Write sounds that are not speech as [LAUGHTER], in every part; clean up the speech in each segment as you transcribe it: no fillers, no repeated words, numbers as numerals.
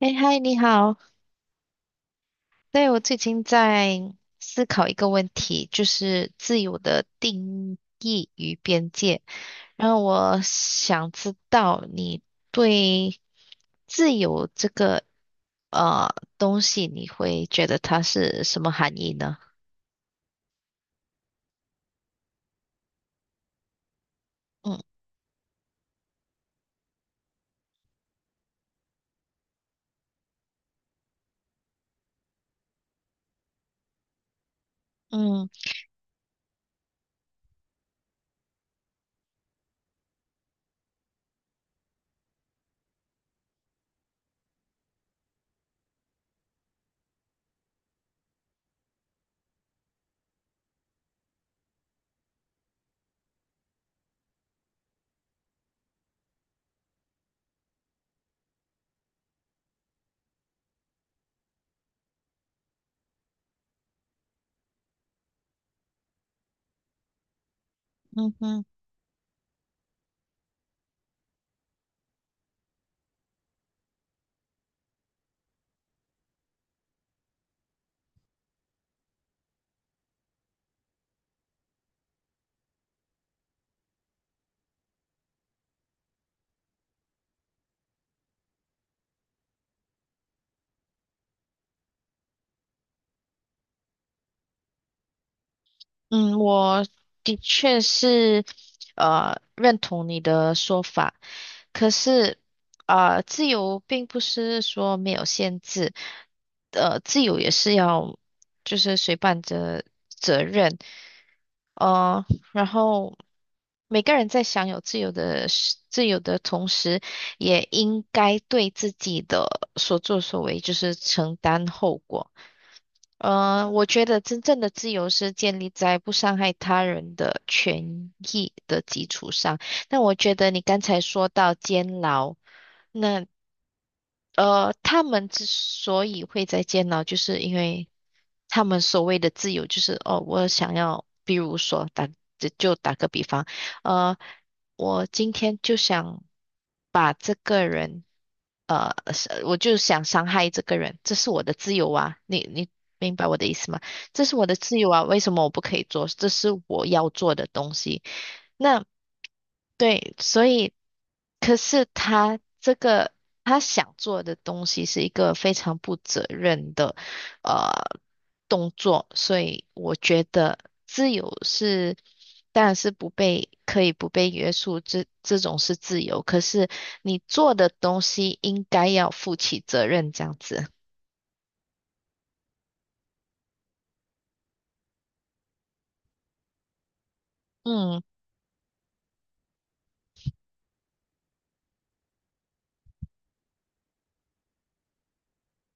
哎，嗨，你好。对，我最近在思考一个问题，就是自由的定义与边界。然后我想知道你对自由这个呃东西，你会觉得它是什么含义呢？嗯嗯嗯哼。嗯，我的确是认同你的说法，可是啊，自由并不是说没有限制，自由也是要就是随伴着责任，呃，然后每个人在享有自由的同时，也应该对自己的所作所为就是承担后果。我觉得真正的自由是建立在不伤害他人的权益的基础上。那我觉得你刚才说到监牢，那他们之所以会在监牢，就是因为他们所谓的自由，就是哦，我想要，比如说打，就打个比方，呃，我今天就想把这个人，是我就想伤害这个人，这是我的自由啊，你明白我的意思吗？这是我的自由啊，为什么我不可以做？这是我要做的东西。那对，所以可是他这个他想做的东西是一个非常不责任的呃动作，所以我觉得自由是当然是不被可以不被约束，这种是自由，可是你做的东西应该要负起责任，这样子。嗯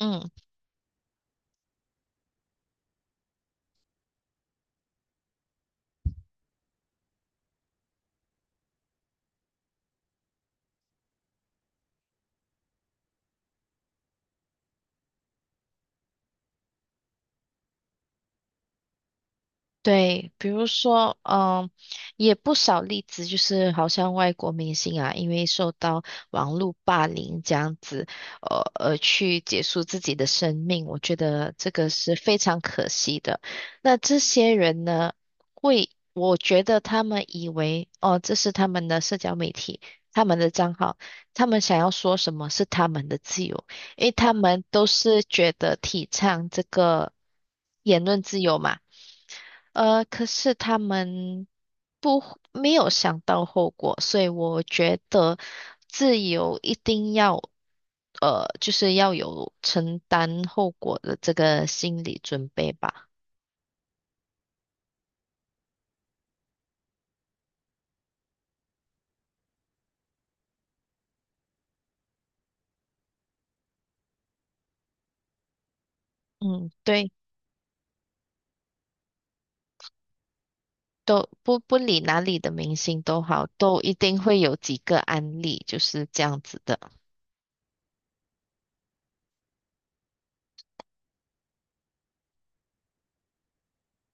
嗯。对，比如说，嗯，也不少例子，就是好像外国明星啊，因为受到网络霸凌这样子，而去结束自己的生命，我觉得这个是非常可惜的。那这些人呢，会，我觉得他们以为，哦，这是他们的社交媒体，他们的账号，他们想要说什么是他们的自由，因为他们都是觉得提倡这个言论自由嘛。可是他们不没有想到后果，所以我觉得自由一定要，就是要有承担后果的这个心理准备吧。嗯，对，都不理哪里的明星都好，都一定会有几个案例就是这样子的。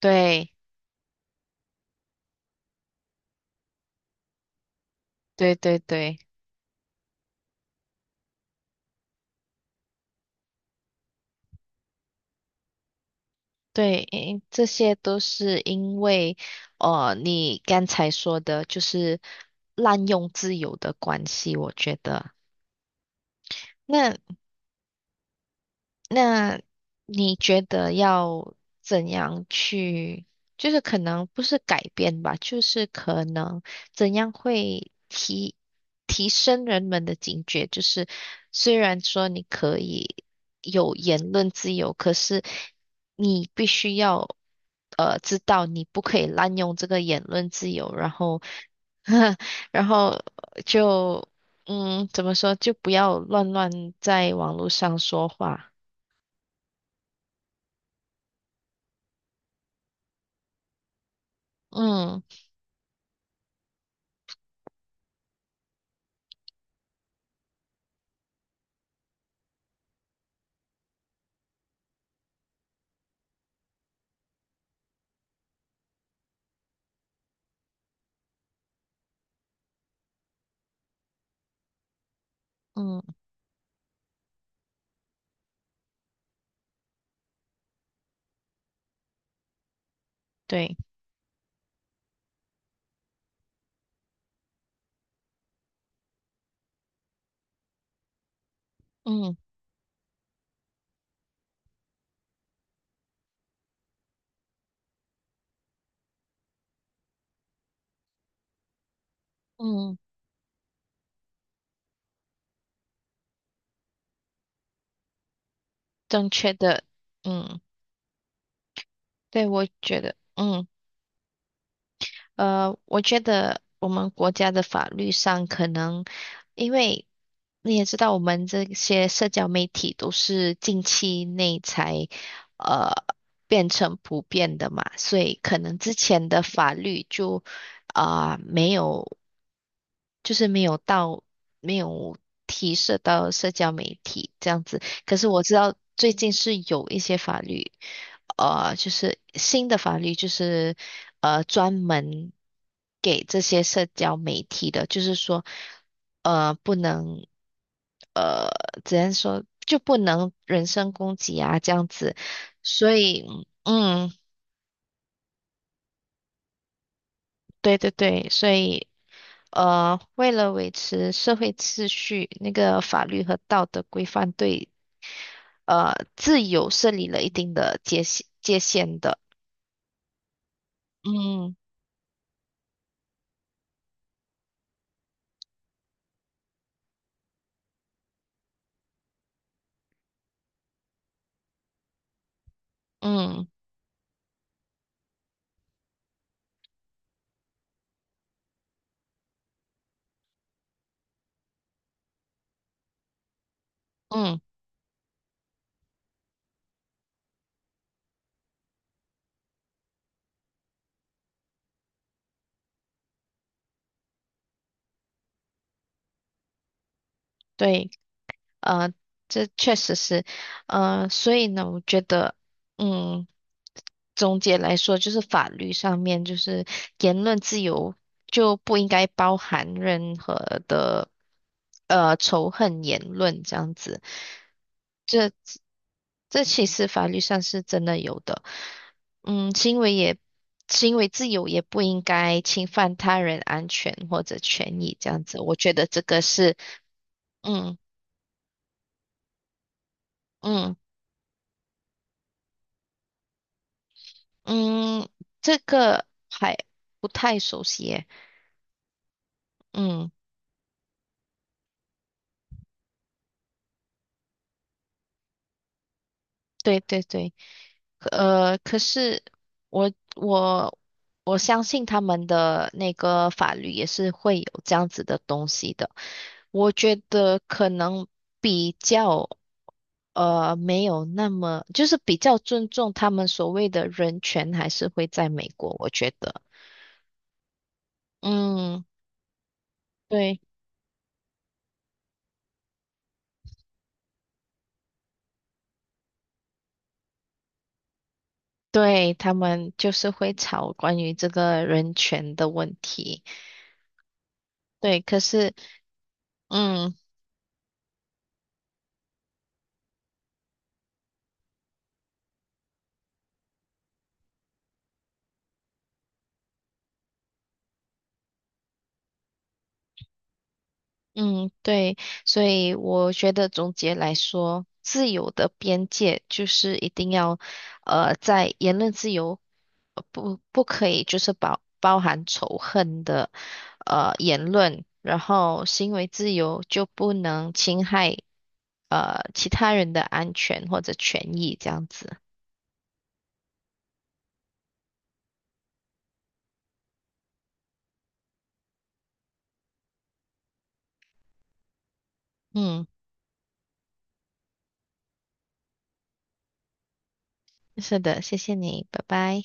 对，对对对。对，诶这些都是因为，你刚才说的就是滥用自由的关系，我觉得。那那你觉得要怎样去，就是可能不是改变吧，就是可能怎样会提升人们的警觉？就是虽然说你可以有言论自由，可是你必须要知道你不可以滥用这个言论自由，然后 [LAUGHS] 然后就嗯怎么说，就不要乱乱在网络上说话。嗯嗯，对，嗯嗯，正确的，嗯，对，我觉得，嗯我觉得我们国家的法律上可能，因为你也知道，我们这些社交媒体都是近期内才呃变成普遍的嘛，所以可能之前的法律就啊、没有。就是没有到没有提涉到社交媒体这样子。可是我知道最近是有一些法律，就是新的法律，就是专门给这些社交媒体的，就是说不能呃只能说就不能人身攻击啊这样子。所以嗯，对对对，所以。呃，为了维持社会秩序，那个法律和道德规范对自由设立了一定的界限的。嗯嗯嗯，对，呃，这确实是，所以呢，我觉得，嗯，总结来说，就是法律上面就是言论自由就不应该包含任何的仇恨言论这样子。这。这其实法律上是真的有的。嗯，行为也行为自由也不应该侵犯他人安全或者权益，这样子，我觉得这个是，嗯嗯嗯，这个还不太熟悉耶。嗯，对对对。可是我我相信他们的那个法律也是会有这样子的东西的。我觉得可能比较没有那么，就是比较尊重他们所谓的人权，还是会在美国，我觉得。嗯，对对，他们就是会吵关于这个人权的问题。对，可是嗯。嗯，对，所以我觉得总结来说，自由的边界就是一定要，在言论自由，不不可以就是包含仇恨的，言论，然后行为自由就不能侵害其他人的安全或者权益这样子。嗯，是的，谢谢你，拜拜。